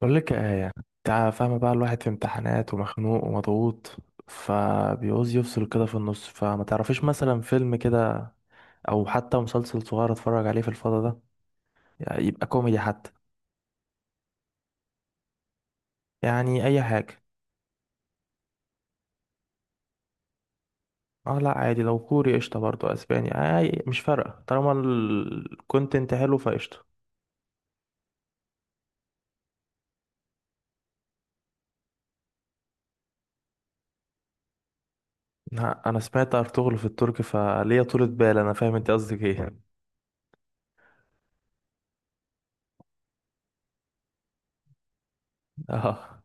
بقول لك يا آية، يعني انت فاهمة بقى، الواحد في امتحانات ومخنوق ومضغوط، فبيعوز يفصل كده في النص. فما تعرفيش مثلا فيلم كده، او حتى مسلسل صغير اتفرج عليه في الفضا ده؟ يعني يبقى كوميدي حتى. يعني اي حاجة. اه لا، عادي، لو كوري قشطة، برضه اسباني. اي، مش فارقة، طالما الكونتنت حلو فقشطة. لا، انا سمعت ارطغرل في التركي، فليا طولة بال، انا فاهم انت قصدك ايه. اه،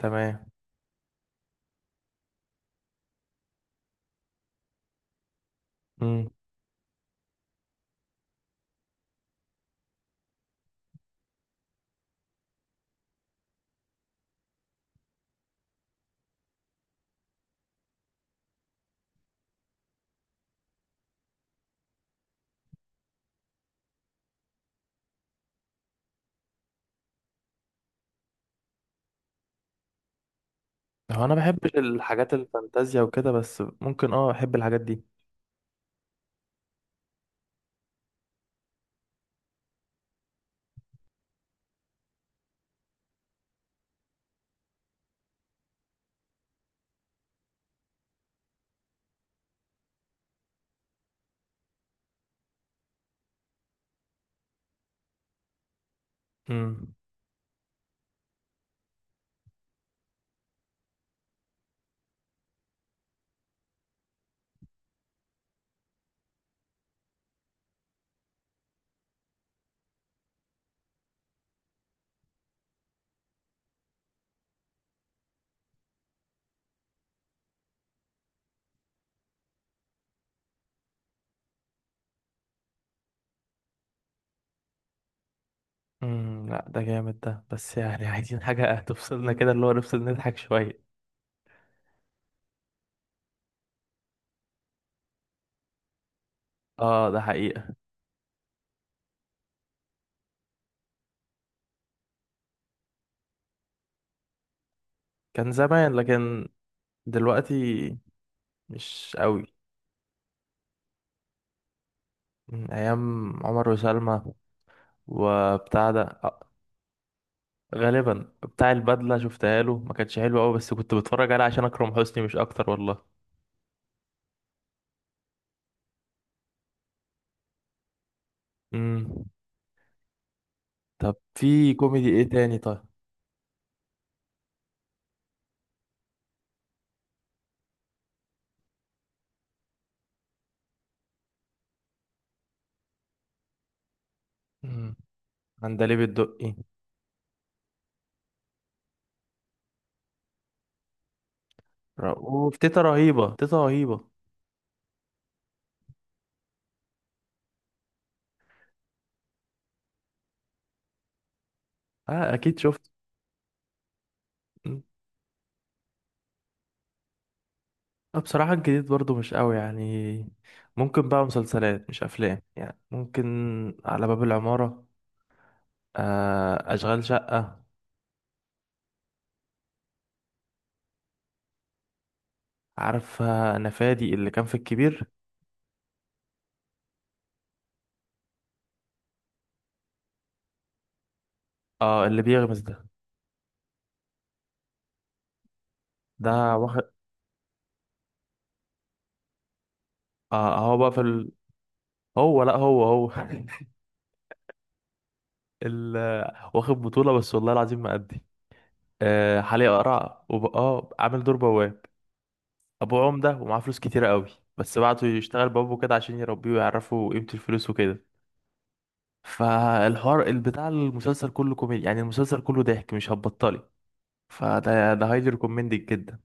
تمام. امم. هو انا بحبش الحاجات الفانتازيا وكده، بس ممكن احب الحاجات دي. امم، امم. لا ده جامد ده، بس يعني عايزين حاجة تفصلنا كده، اللي هو نفصل نضحك شوية. اه ده حقيقة. كان زمان، لكن دلوقتي مش قوي. من ايام عمر وسلمى وبتاع ده غالبا بتاع البدلة، شفتها له ما كانتش حلوة قوي، بس كنت بتفرج عليه عشان اكرم حسني، مش اكتر والله. امم. طب في كوميدي ايه تاني طيب؟ امم، عندليب الدقي. وفي تيتا رهيبة، تيتا رهيبة. اه اكيد شفت. أنا بصراحة الجديد برضو مش قوي يعني. ممكن بقى مسلسلات مش أفلام يعني، ممكن على باب العمارة، أشغال شقة. عارفة أنا، فادي اللي كان في الكبير. اه اللي بيغمز ده. ده واخد اه هو بقى في هو لا، هو هو ال... واخد بطولة، بس والله العظيم ما أدي. حاليا قرع عامل دور بواب. أبوه عمدة ومعاه فلوس كتيرة قوي، بس بعته يشتغل بابه كده عشان يربيه ويعرفه قيمة الفلوس وكده. فالحوار البتاع المسلسل كله كوميدي يعني، المسلسل كله ضحك مش هتبطلي. فده هايلي ريكومندد جدا.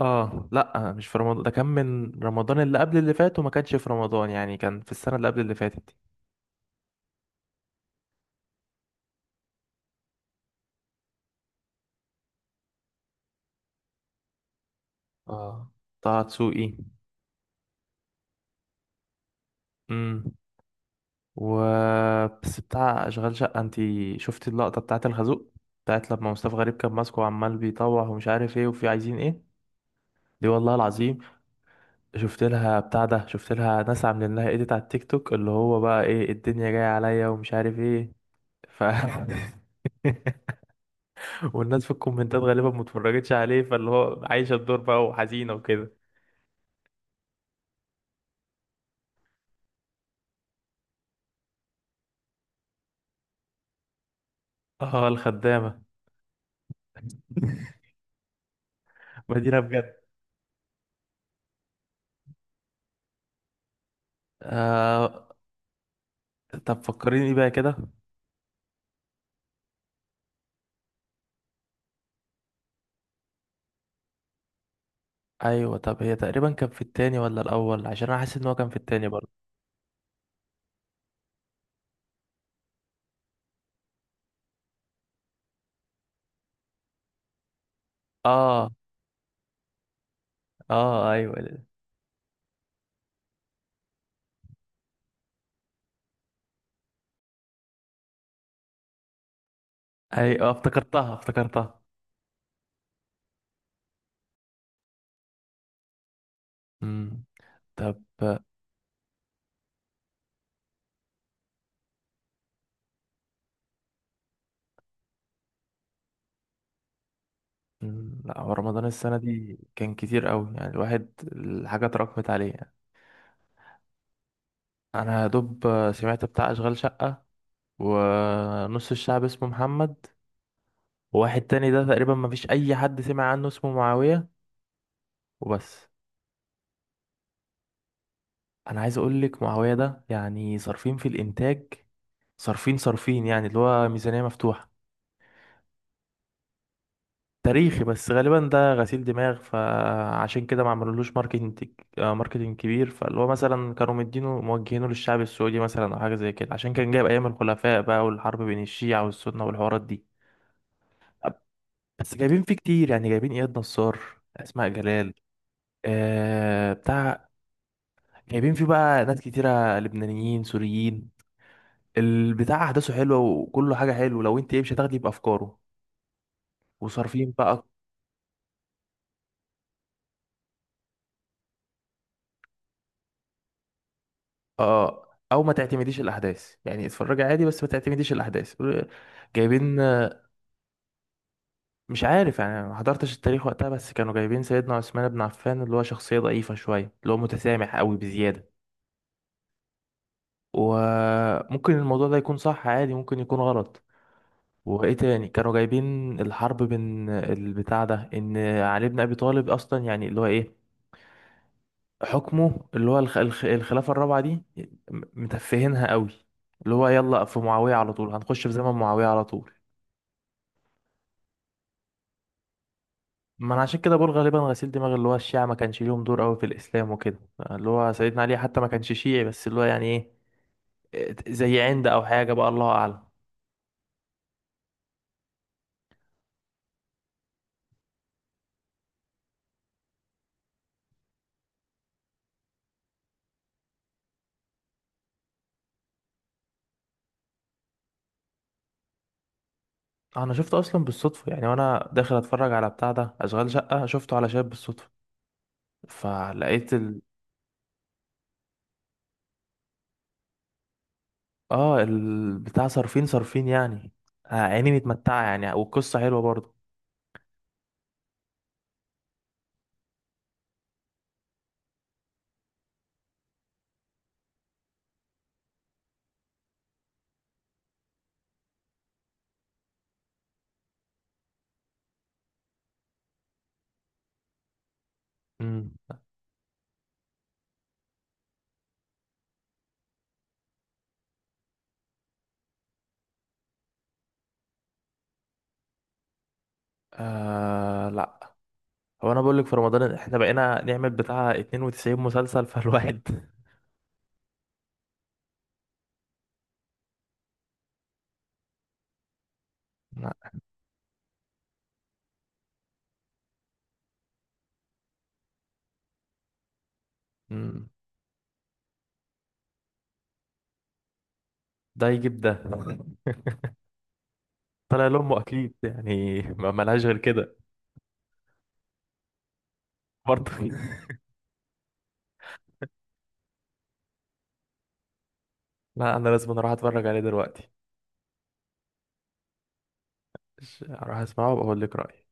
اه لا، مش في رمضان ده، كان من رمضان اللي قبل اللي فات، وما كانش في رمضان يعني، كان في السنة اللي قبل اللي فاتت دي. اه، طه دسوقي. امم. و بس بتاع اشغال شقة، انتي شفتي اللقطة بتاعت الخازوق، بتاعت لما مصطفى غريب كان ماسكه وعمال بيطوع ومش عارف ايه وفي عايزين ايه؟ دي والله العظيم، شفت لها بتاع ده، شفت لها ناس عاملين لها ايديت على التيك توك، اللي هو بقى ايه الدنيا جاية عليا ومش عارف ايه ف والناس في الكومنتات غالبا متفرجتش عليه، فاللي هو عايشة الدور بقى وحزينة وكده. اه، الخدامة. مدينة بجد آه طب فكريني بقى كده. ايوه، طب هي تقريبا كان في التاني ولا الاول؟ عشان انا حاسس ان هو كان في التاني برضه. اه، اه، ايوه، ايوه، افتكرتها، افتكرتها. امم. طب. مم، لا، هو رمضان السنة دي كان كتير قوي يعني، الواحد الحاجة اتراكمت عليه يعني. أنا يا دوب سمعت بتاع أشغال شقة، ونص الشعب اسمه محمد، وواحد تاني ده تقريبا مفيش أي حد سمع عنه اسمه معاوية، وبس. أنا عايز أقولك، معاوية ده يعني صارفين في الإنتاج. صارفين، صارفين يعني، اللي هو ميزانية مفتوحة. تاريخي، بس غالبا ده غسيل دماغ، فعشان كده ما عملولوش ماركتنج، ماركتنج كبير. فاللي هو مثلا كانوا مدينه موجهينه للشعب السعودي مثلا، او حاجه زي كده، عشان كان جايب ايام الخلفاء بقى، والحرب بين الشيعة والسنة والحوارات دي. بس جايبين فيه كتير يعني، جايبين اياد نصار، اسماء جلال بتاع. جايبين فيه بقى ناس كتيرة، لبنانيين، سوريين. البتاع احداثه حلوة، وكله حاجة حلوة، لو انت ايه، مش هتاخدي بافكاره. وصارفين بقى. اه، او ما تعتمديش الاحداث يعني، اتفرجي عادي، بس ما تعتمديش الاحداث. جايبين مش عارف يعني، أنا ما حضرتش التاريخ وقتها، بس كانوا جايبين سيدنا عثمان بن عفان اللي هو شخصية ضعيفة شوية، اللي هو متسامح قوي بزيادة. وممكن الموضوع ده يكون صح عادي، ممكن يكون غلط. وايه تاني، كانوا جايبين الحرب بين البتاع ده، ان علي بن ابي طالب اصلا يعني، اللي هو ايه، حكمه، اللي هو الخلافة الرابعة دي متفهينها قوي، اللي هو يلا في معاوية على طول، هنخش في زمن معاوية على طول. ما انا عشان كده بقول غالبا غسيل دماغ، اللي هو الشيعة ما كانش ليهم دور قوي في الاسلام وكده، اللي هو سيدنا علي حتى ما كانش شيعي، بس اللي هو يعني ايه، إيه، زي عند او حاجة بقى، الله اعلم. انا شفته اصلا بالصدفة يعني، وانا داخل اتفرج على بتاع ده اشغال شقة، شفته على شاب بالصدفة، فلقيت اه، البتاع صارفين صارفين يعني، عيني متمتعة يعني، والقصة حلوة برضه. امم. لا، هو انا بقول لك في رمضان احنا بقينا نعمل بتاع 92 مسلسل فالواحد. لا. مم. ده يجيب ده. طلع لأمه أكيد يعني، ما ملهاش غير كده. برضه لا، أنا لازم أروح أتفرج عليه دلوقتي، أروح أسمعه وأقول لك رأيي.